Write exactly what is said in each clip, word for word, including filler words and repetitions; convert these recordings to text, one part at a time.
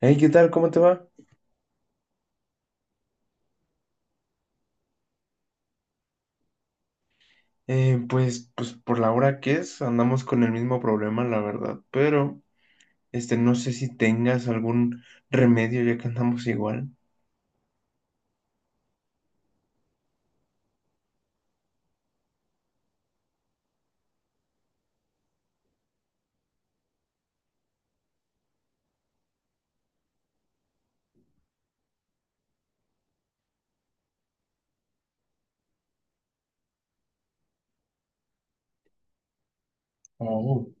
Hey, ¿qué tal? ¿Cómo te va? Eh, pues, pues por la hora que es, andamos con el mismo problema, la verdad. Pero, este, no sé si tengas algún remedio ya que andamos igual. Oh,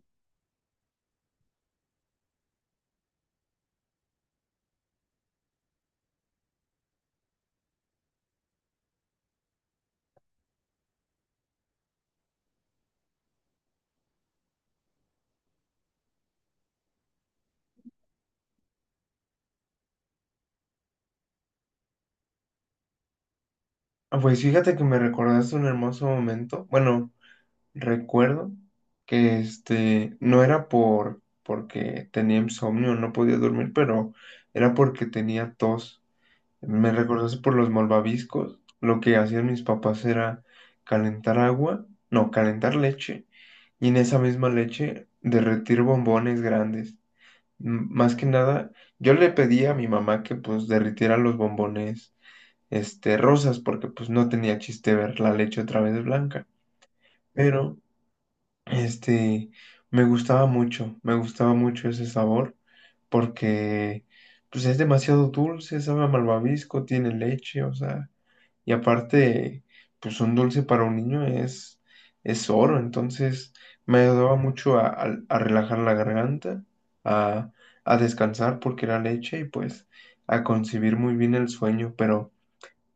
ah, pues fíjate que me recordaste un hermoso momento. Bueno, recuerdo que este no era por porque tenía insomnio, no podía dormir, pero era porque tenía tos. Me recordaste por los malvaviscos. Lo que hacían mis papás era calentar agua, no, calentar leche y en esa misma leche derretir bombones grandes. M- Más que nada, yo le pedí a mi mamá que pues derritiera los bombones este rosas porque pues no tenía chiste ver la leche otra vez blanca, pero este me gustaba mucho, me gustaba mucho ese sabor porque pues es demasiado dulce, sabe a malvavisco, tiene leche, o sea, y aparte, pues un dulce para un niño es, es oro. Entonces me ayudaba mucho a, a- a relajar la garganta, a, a descansar porque era leche y pues a concebir muy bien el sueño. Pero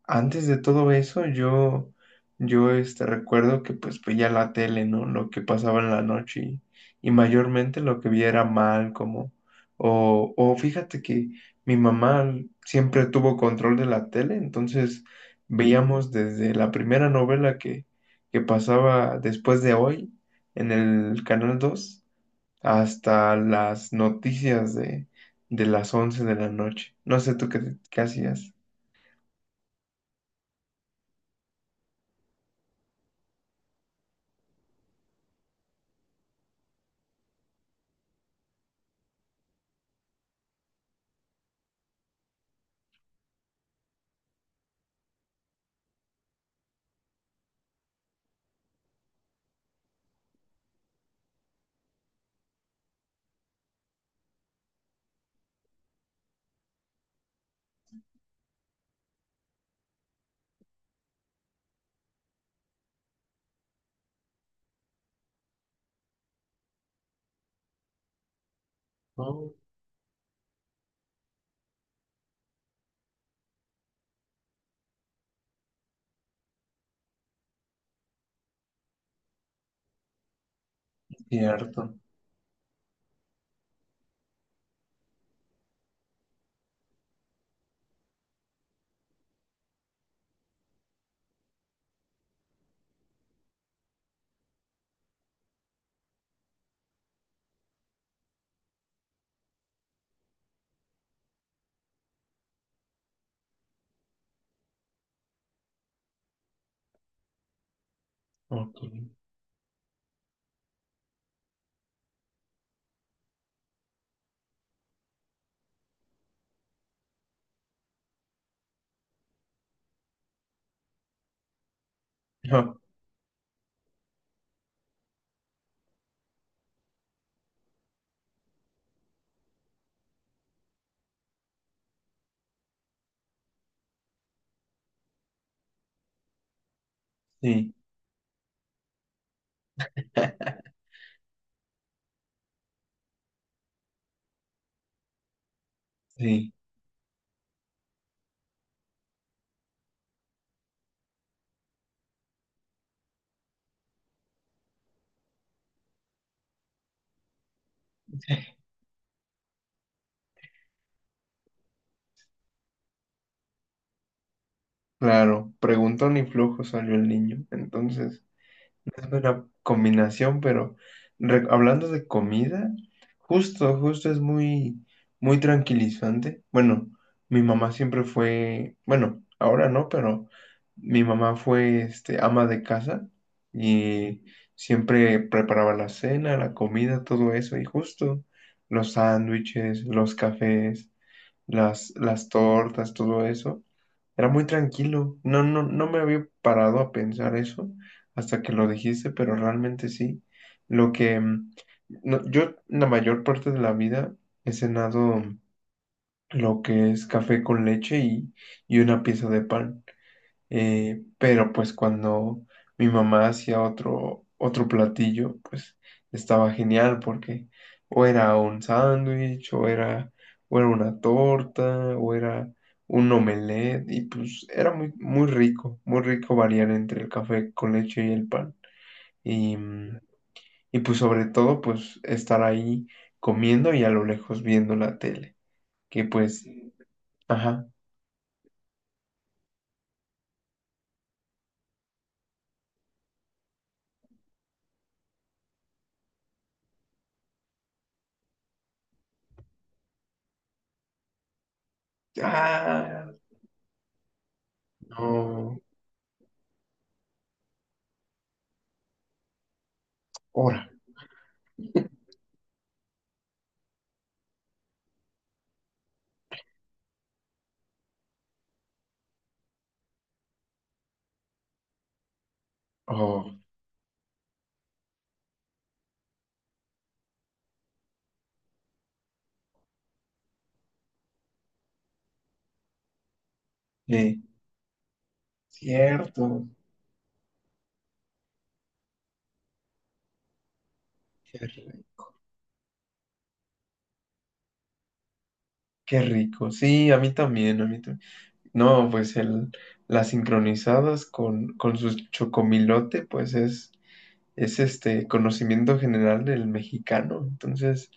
antes de todo eso, yo, yo este, recuerdo que pues veía la tele, ¿no? Lo que pasaba en la noche y, y mayormente lo que vi era mal, como, o, o fíjate que mi mamá siempre tuvo control de la tele, entonces veíamos desde la primera novela que, que pasaba después de Hoy en el Canal dos hasta las noticias de, de las once de la noche. No sé tú qué, qué hacías. No, cierto. Ok. Ajá, sí, sí, claro. Preguntón y flujo salió el niño. Entonces, no es una combinación, pero re- hablando de comida, justo, justo es muy, muy tranquilizante. Bueno, mi mamá siempre fue, bueno, ahora no, pero mi mamá fue, este, ama de casa y siempre preparaba la cena, la comida, todo eso, y justo los sándwiches, los cafés, las, las tortas, todo eso. Era muy tranquilo. No, no, no me había parado a pensar eso hasta que lo dijiste, pero realmente sí. Lo que mm, no- yo la mayor parte de la vida he cenado lo que es café con leche y, y una pieza de pan. Eh, pero pues cuando mi mamá hacía otro, otro platillo, pues estaba genial porque o era un sándwich, o era, o era una torta, o era un omelette, y pues era muy, muy rico, muy rico variar entre el café con leche y el pan. Y, mm, y pues sobre todo, pues estar ahí comiendo y a lo lejos viendo la tele, que pues, ajá. Ah, no, hora. Oh, eh, cierto. Qué rico. Qué rico. Sí, a mí también, a mí también. No, pues el, las sincronizadas con, con su chocomilote, pues es, es este conocimiento general del mexicano. Entonces,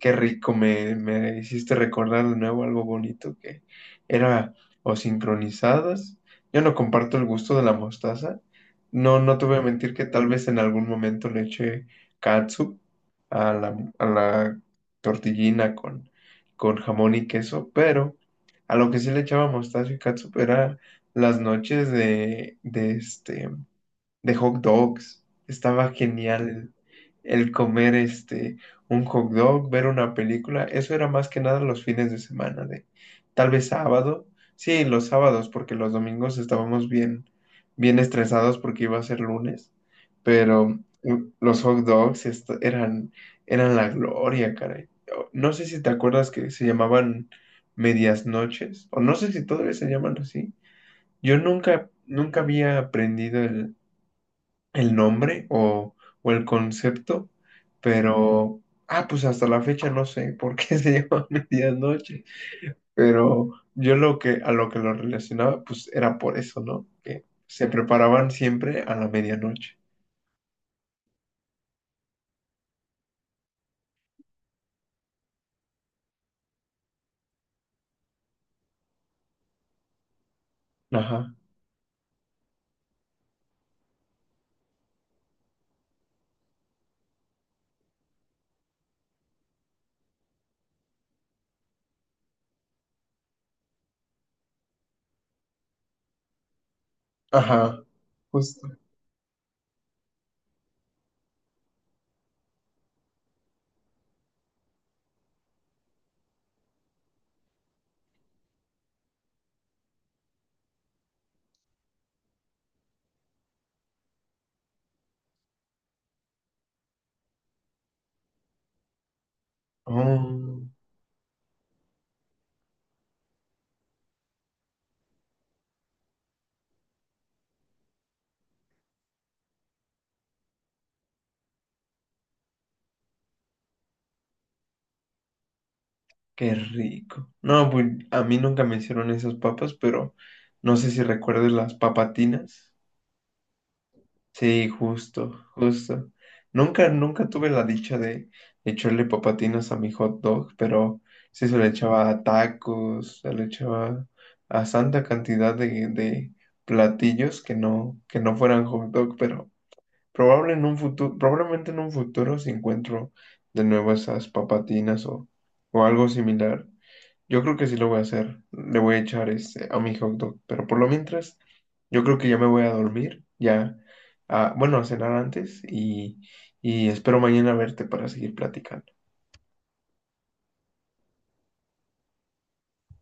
qué rico, me, me hiciste recordar de nuevo algo bonito que era o sincronizadas. Yo no comparto el gusto de la mostaza. No, no te voy a mentir que tal vez en algún momento le eché katsu a la, a la tortillina con, con jamón y queso, pero a lo que sí le echaba mostaza y katsu era las noches de, de este de hot dogs. Estaba genial el, el comer este un hot dog, ver una película. Eso era más que nada los fines de semana, de tal vez sábado. Sí, los sábados, porque los domingos estábamos bien, bien estresados porque iba a ser lunes. Pero u- los hot dogs est- eran, eran la gloria, caray. O- No sé si te acuerdas que se llamaban medias noches, o no sé si todavía se llaman así. Yo nunca, nunca había aprendido el el nombre o, o el concepto, pero, ah, pues hasta la fecha no sé por qué se llama medianoche, pero yo lo que, a lo que lo relacionaba, pues era por eso, ¿no? Que se preparaban siempre a la medianoche. Ajá, ajá, justo. Oh, qué rico. No, pues a mí nunca me hicieron esas papas, pero no sé si recuerdes las papatinas. Sí, justo, justo. Nunca, nunca tuve la dicha de echarle papatinas a mi hot dog, pero sí se le echaba a tacos, se le echaba a santa cantidad de, de platillos que no, que no fueran hot dog, pero probable en un futuro, probablemente en un futuro si encuentro de nuevo esas papatinas o, o algo similar, yo creo que sí lo voy a hacer. Le voy a echar este, a mi hot dog. Pero por lo mientras, yo creo que ya me voy a dormir. Ya, ah, bueno, a cenar antes y, y espero mañana verte para seguir platicando.